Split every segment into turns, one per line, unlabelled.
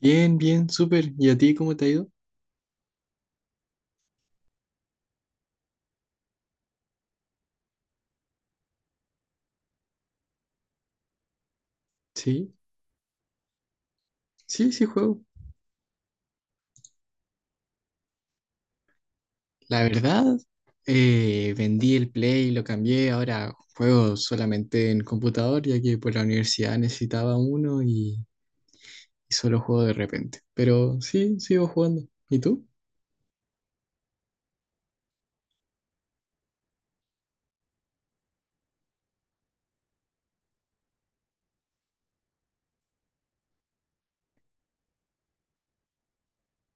Bien, bien, súper. ¿Y a ti cómo te ha ido? Sí, sí, sí juego. La verdad, vendí el Play, lo cambié, ahora juego solamente en computador, ya que por la universidad necesitaba uno y solo juego de repente. Pero sí, sigo jugando. ¿Y tú?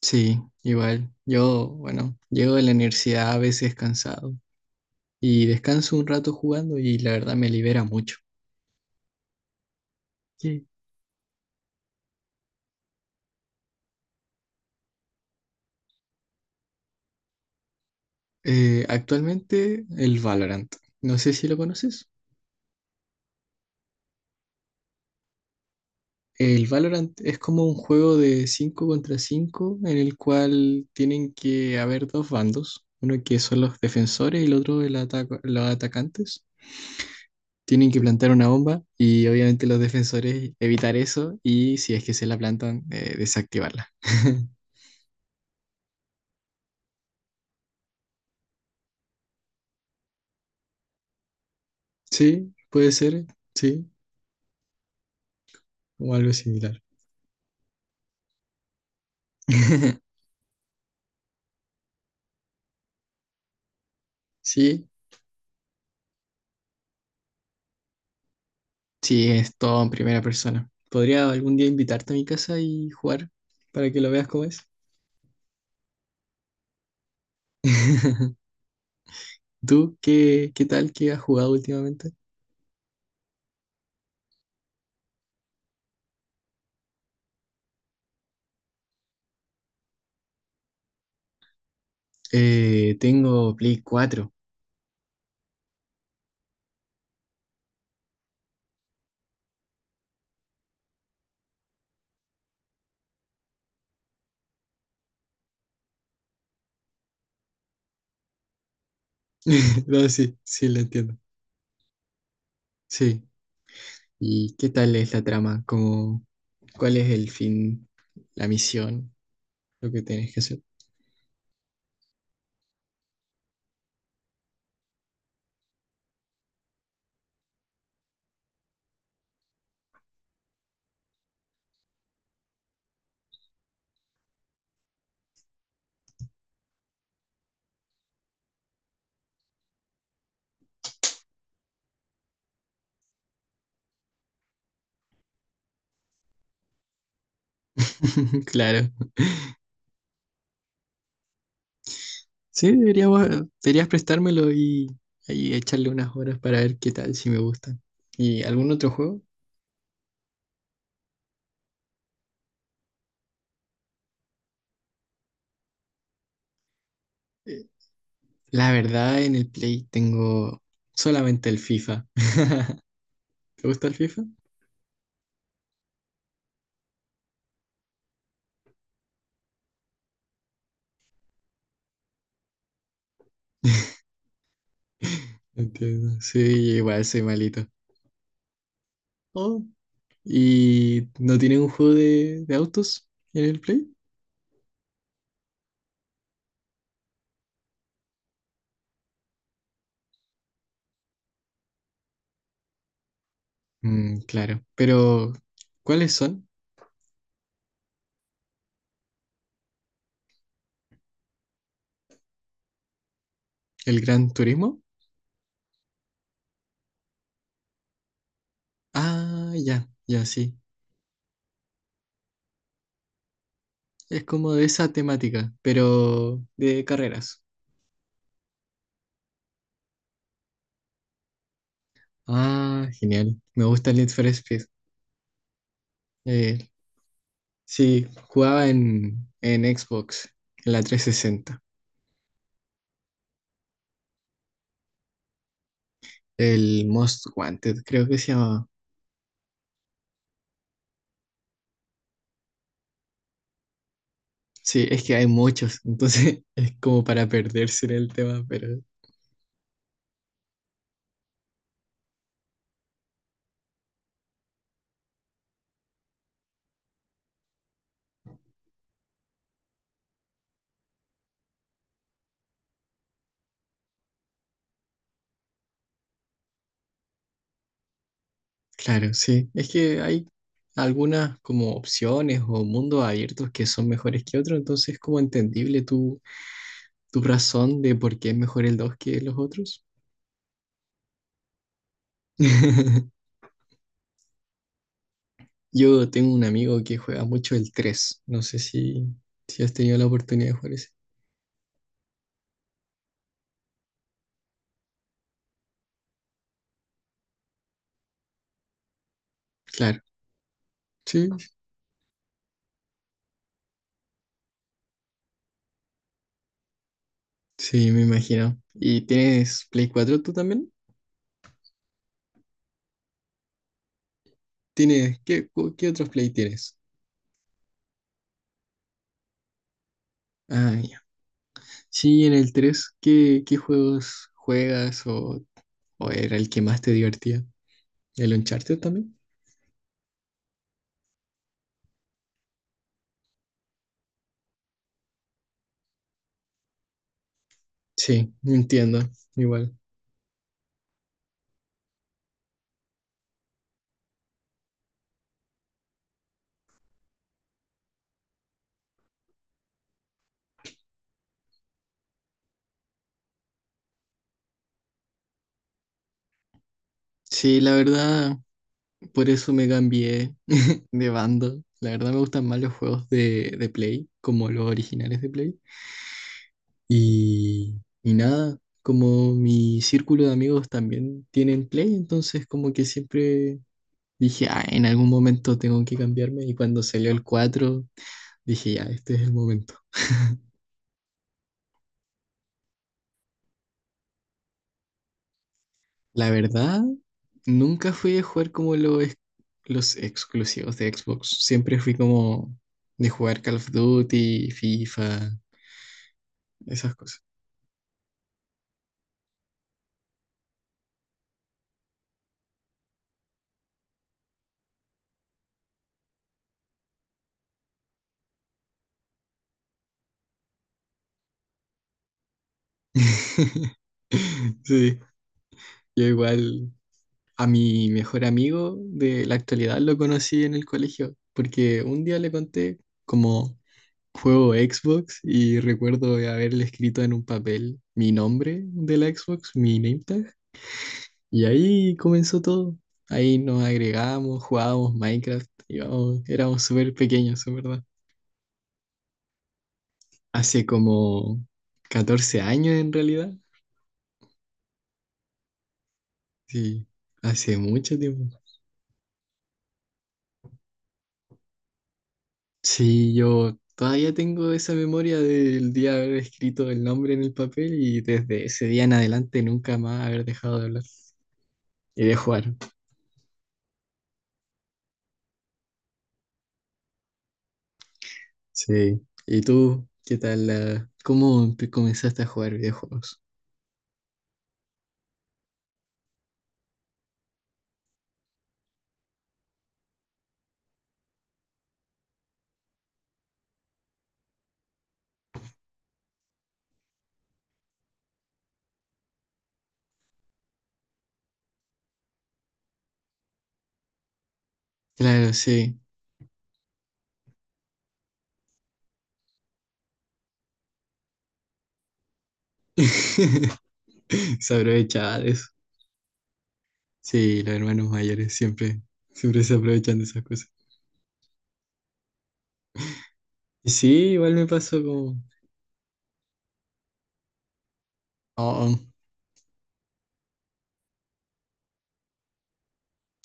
Sí, igual. Yo, bueno, llego de la universidad a veces cansado y descanso un rato jugando y la verdad me libera mucho. Sí. Actualmente el Valorant. No sé si lo conoces. El Valorant es como un juego de 5 contra 5 en el cual tienen que haber dos bandos, uno que son los defensores y el otro los atacantes. Tienen que plantar una bomba y obviamente los defensores evitar eso y si es que se la plantan, desactivarla. Sí, puede ser, sí, o algo similar. Sí, sí, es todo en primera persona. Podría algún día invitarte a mi casa y jugar para que lo veas cómo es. ¿Tú qué tal que has jugado últimamente? Tengo Play 4. No, sí, sí, lo entiendo. Sí. ¿Y qué tal es la trama? Como, ¿cuál es el fin, la misión, lo que tienes que hacer? Claro. Sí, deberías prestármelo y echarle unas horas para ver qué tal, si me gustan. ¿Y algún otro juego? Eh, La verdad, en el Play tengo solamente el FIFA. ¿Te gusta el FIFA? Entiendo. Sí, igual soy malito. Oh, ¿y no tienen un juego de autos en el Play? Mm, claro. Pero, ¿cuáles son? ¿El Gran Turismo? Ah, ya, ya, sí. Es como de esa temática, pero de carreras. Ah, genial. Me gusta el Need for Speed. Eh, sí, jugaba en Xbox, en la 360. El Most Wanted, creo que se llamaba. Sí, es que hay muchos, entonces es como para perderse en el tema, pero claro, sí, es que hay algunas como opciones o mundos abiertos que son mejores que otros, entonces es como entendible tu razón de por qué es mejor el 2 que los otros. Yo tengo un amigo que juega mucho el 3, no sé si has tenido la oportunidad de jugar ese. Claro, sí, sí, me imagino. ¿Y tienes Play 4 tú también? ¿Tienes, qué otros Play tienes? Ah, sí, en el 3 ¿qué juegos juegas o era el que más te divertía? ¿El Uncharted también? Sí, entiendo, igual. Sí, la verdad, por eso me cambié de bando. La verdad me gustan más los juegos de Play, como los originales de Play. Y, y nada, como mi círculo de amigos también tienen Play, entonces como que siempre dije, ah, en algún momento tengo que cambiarme. Y cuando salió el 4 dije, ya, este es el momento. La verdad, nunca fui de jugar como los exclusivos de Xbox. Siempre fui como de jugar Call of Duty, FIFA, esas cosas. Sí, yo igual, a mi mejor amigo de la actualidad lo conocí en el colegio, porque un día le conté como juego Xbox y recuerdo haberle escrito en un papel mi nombre de la Xbox, mi name tag, y ahí comenzó todo. Ahí nos agregamos, jugábamos Minecraft, íbamos, éramos súper pequeños, en verdad. Hace como 14 años en realidad. Sí, hace mucho tiempo. Sí, yo todavía tengo esa memoria del día de haber escrito el nombre en el papel y desde ese día en adelante nunca más haber dejado de hablar y de jugar. Sí. ¿Y tú qué tal? ¿Cómo comenzaste a jugar videojuegos? Claro, sí. Se aprovechaba de eso. Sí, los hermanos mayores siempre, siempre se aprovechan de esas cosas. Y sí, igual me pasó como... Oh, oh,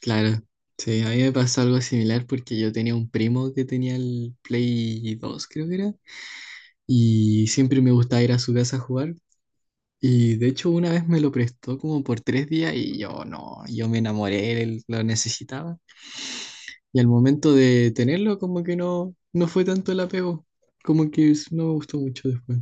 claro. Sí, a mí me pasó algo similar porque yo tenía un primo que tenía el Play 2, creo que era, y siempre me gustaba ir a su casa a jugar. Y de hecho una vez me lo prestó como por 3 días y yo no, yo me enamoré, él lo necesitaba. Y al momento de tenerlo como que no, no fue tanto el apego, como que no me gustó mucho después.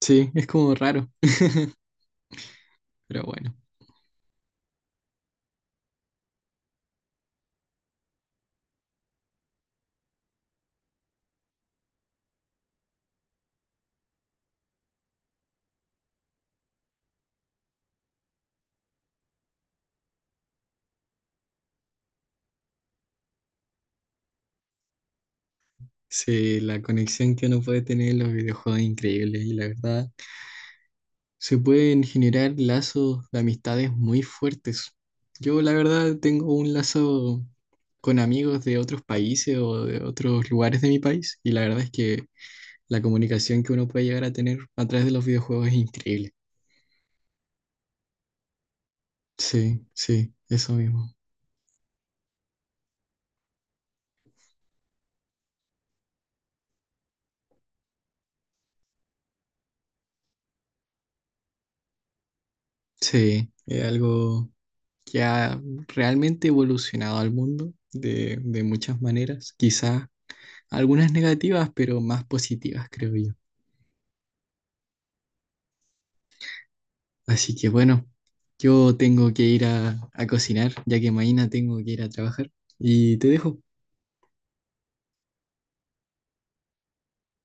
Sí, es como raro. Pero bueno, sí, la conexión que uno puede tener en los videojuegos es increíble y la verdad se pueden generar lazos de amistades muy fuertes. Yo la verdad tengo un lazo con amigos de otros países o de otros lugares de mi país y la verdad es que la comunicación que uno puede llegar a tener a través de los videojuegos es increíble. Sí, sí, eso mismo. Sí, es algo que ha realmente evolucionado al mundo de muchas maneras. Quizás algunas negativas, pero más positivas, creo yo. Así que bueno, yo tengo que ir a cocinar, ya que mañana tengo que ir a trabajar. Y te dejo.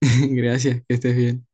Gracias, que estés bien.